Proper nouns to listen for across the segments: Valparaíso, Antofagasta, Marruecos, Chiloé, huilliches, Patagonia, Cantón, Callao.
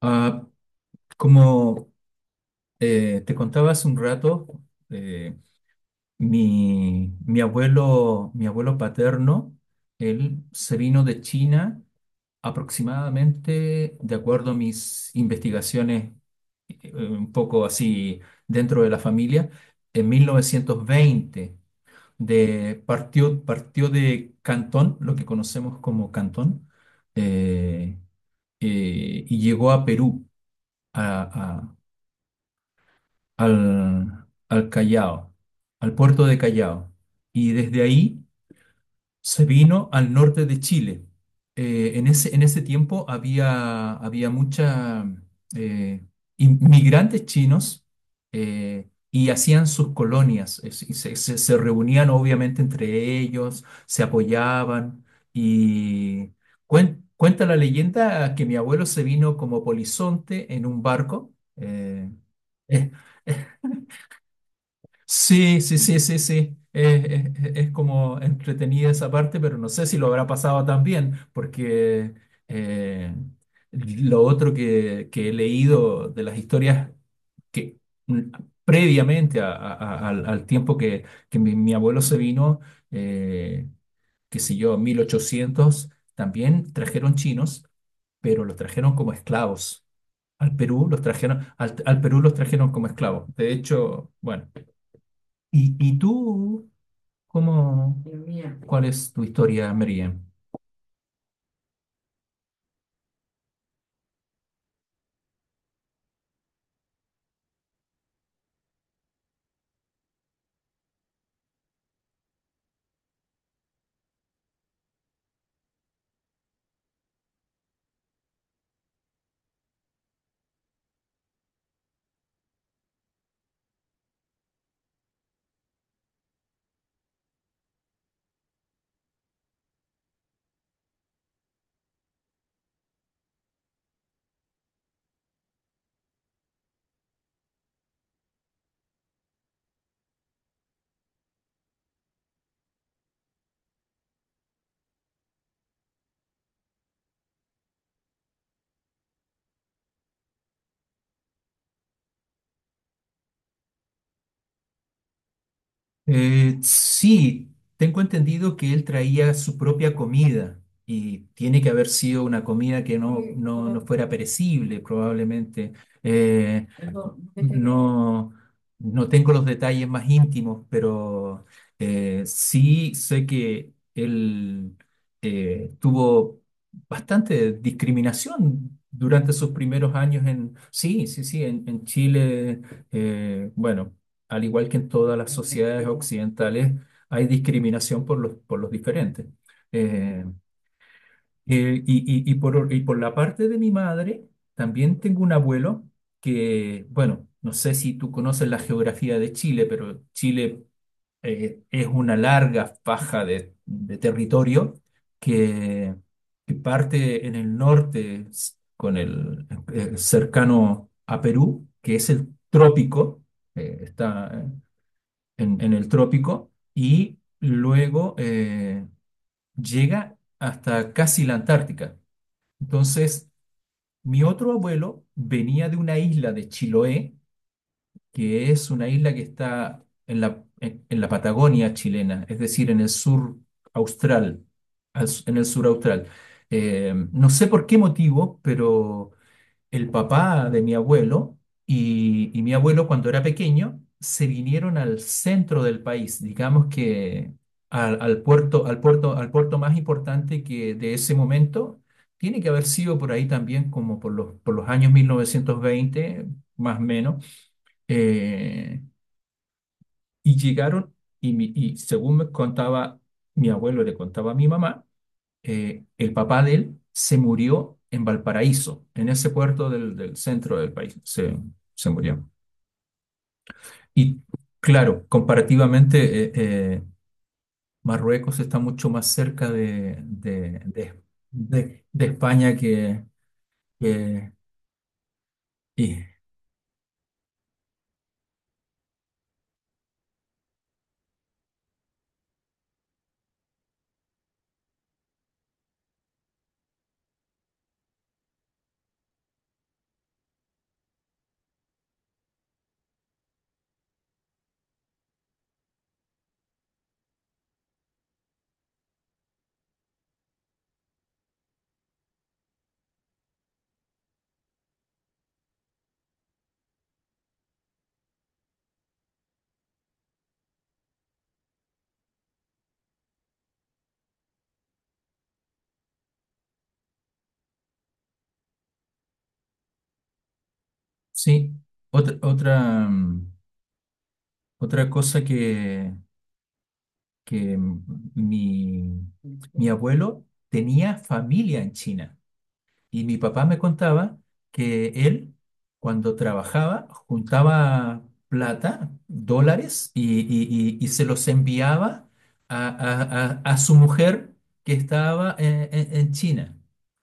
Ah, como te contaba hace un rato, eh, mi abuelo, mi abuelo paterno, él se vino de China aproximadamente, de acuerdo a mis investigaciones, un poco así dentro de la familia, en 1920. Partió de Cantón, lo que conocemos como Cantón, eh, y llegó a Perú, a al Callao, al puerto de Callao. Y desde ahí se vino al norte de Chile. En ese tiempo había mucha, eh, inmigrantes chinos, y hacían sus colonias. Se reunían obviamente entre ellos, se apoyaban, y cuenta la leyenda que mi abuelo se vino como polizonte en un barco. Eh, Sí, sí, sí, sí, sí. Es como entretenida esa parte, pero no sé si lo habrá pasado tan bien, porque eh, lo otro que he leído de las historias, que mm, previamente al tiempo que mi abuelo se vino, eh, qué sé yo, 1800, también trajeron chinos, pero los trajeron como esclavos. Al Perú los trajeron, al Perú los trajeron como esclavos. De hecho, bueno. Y tú, cómo, cuál es tu historia, María? Sí, tengo entendido que él traía su propia comida y tiene que haber sido una comida que no, no, no fuera perecible, probablemente. Eh, no, no tengo los detalles más íntimos, pero sí sé que él tuvo bastante discriminación durante sus primeros años en, sí, sí, sí, en Chile. Bueno, al igual que en todas las sociedades occidentales, hay discriminación por los diferentes. Eh, y, y por la parte de mi madre, también tengo un abuelo que, bueno, no sé si tú conoces la geografía de Chile, pero Chile, es una larga faja de territorio que, que parte en el norte con el, cercano a Perú, que es el trópico. Está, en el trópico, y luego llega hasta casi la Antártica. Entonces, mi otro abuelo venía de una isla de Chiloé, que es una isla que está en la Patagonia chilena, es decir, en el sur austral, en el sur austral. No sé por qué motivo, pero el papá de mi abuelo y mi abuelo cuando era pequeño se vinieron al centro del país, digamos que al, al puerto, al puerto, al puerto más importante que de ese momento. Tiene que haber sido por ahí también como por los años 1920 más o menos. eh, y llegaron, y, y según me contaba mi abuelo, le contaba a mi mamá, el papá de él se murió en Valparaíso, en ese puerto del, del centro del país, se murió. Y claro, comparativamente, eh, Marruecos está mucho más cerca de, de España que... que- y, sí, otra, otra, otra cosa que mi, mi abuelo tenía familia en China. Y mi papá me contaba que él, cuando trabajaba, juntaba plata, dólares, y, y se los enviaba a, a su mujer que estaba en, en China.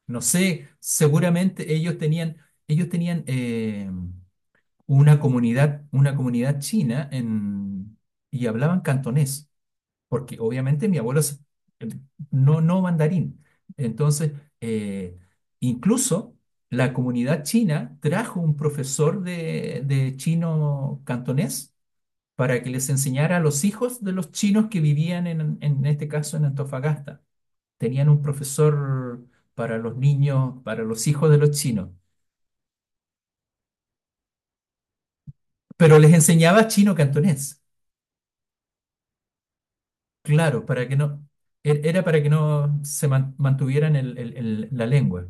No sé, seguramente ellos tenían, ellos tenían, una comunidad china en, y hablaban cantonés porque obviamente mi abuelo no, no mandarín. Entonces, eh, incluso la comunidad china trajo un profesor de chino cantonés para que les enseñara a los hijos de los chinos que vivían en este caso en Antofagasta. Tenían un profesor para los niños, para los hijos de los chinos, pero les enseñaba chino cantonés, claro, para que no, era para que no se mantuvieran la lengua.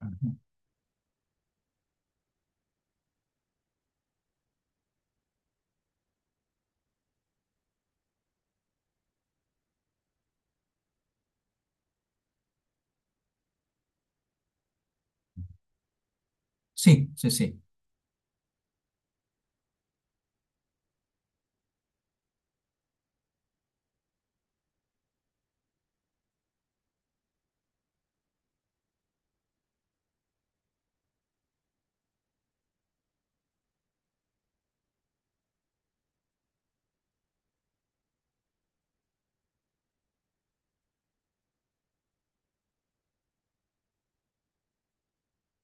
Ajá. Sí, sí, sí.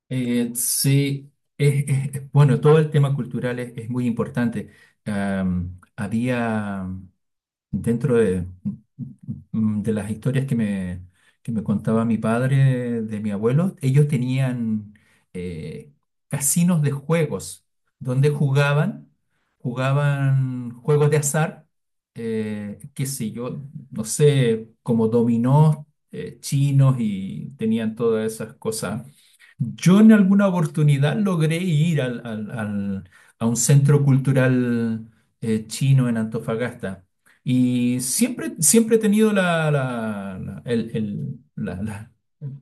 Sí, es, es, bueno, todo el tema cultural es muy importante. Am, había dentro de, de las historias que me contaba mi padre, de mi abuelo, ellos tenían, eh, casinos de juegos donde jugaban, jugaban juegos de azar, qué sé yo, no sé, como dominó, chinos, y tenían todas esas cosas. Yo en alguna oportunidad logré ir a un centro cultural chino en Antofagasta, y siempre, siempre he tenido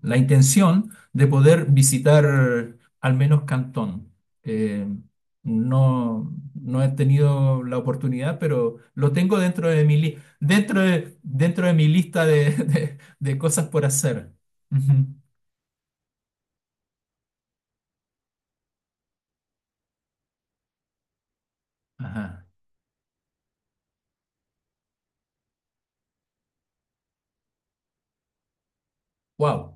la intención de poder visitar al menos Cantón. Eh, no, no he tenido la oportunidad, pero lo tengo dentro de mi, dentro de mi lista de, de cosas por hacer. Ujú. Ajá. Wow.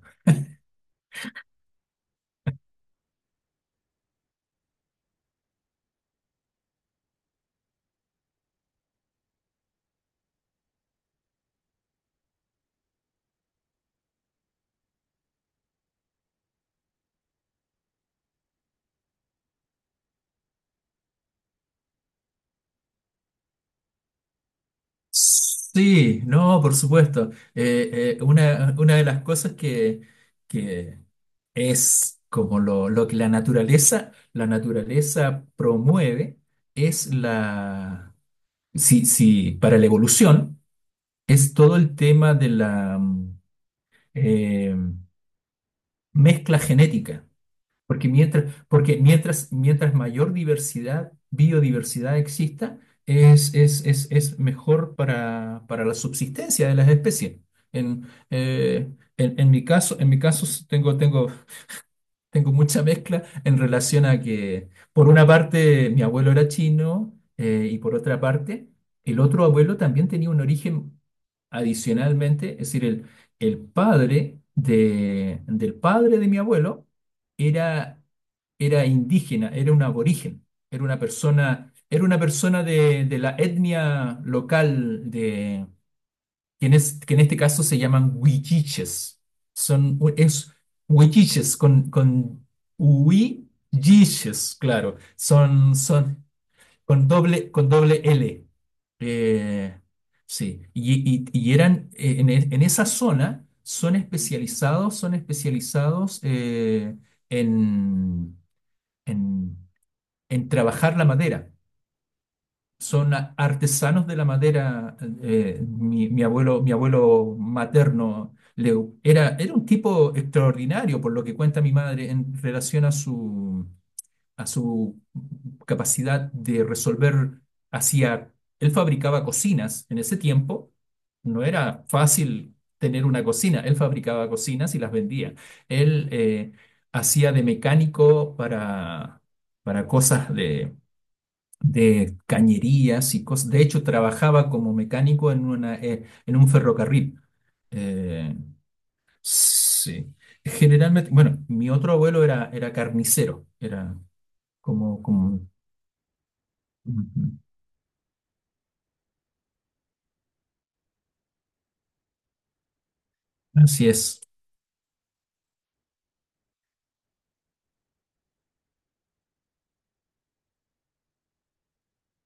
Sí, no, por supuesto. Una de las cosas que es como lo que la naturaleza promueve es la, sí, sí, para la evolución, es todo el tema de la, eh, mezcla genética. Porque mientras, mientras mayor diversidad, biodiversidad exista, es mejor para la subsistencia de las especies. En, eh, en, en mi caso tengo, tengo mucha mezcla en relación a que, por una parte, mi abuelo era chino, y por otra parte, el otro abuelo también tenía un origen adicionalmente, es decir, el padre de, del padre de mi abuelo era, era indígena, era un aborigen, era una persona de la etnia local, que en, que en este caso se llaman huilliches. Son, es huilliches con huilliches, claro. Son, son con doble L. Eh, sí, y, y eran, en esa zona, son especializados, son especializados, en, en, en trabajar la madera, son artesanos de la madera. Mi, mi abuelo materno, Leu, era, era un tipo extraordinario, por lo que cuenta mi madre, en relación a su capacidad de resolver. Hacía, él fabricaba cocinas en ese tiempo. No era fácil tener una cocina. Él fabricaba cocinas y las vendía. Él, hacía de mecánico para cosas de cañerías y cosas. De hecho, trabajaba como mecánico en una, en un ferrocarril. Eh, sí. Generalmente, bueno, mi otro abuelo era, era carnicero, era como, como, ujú, así es.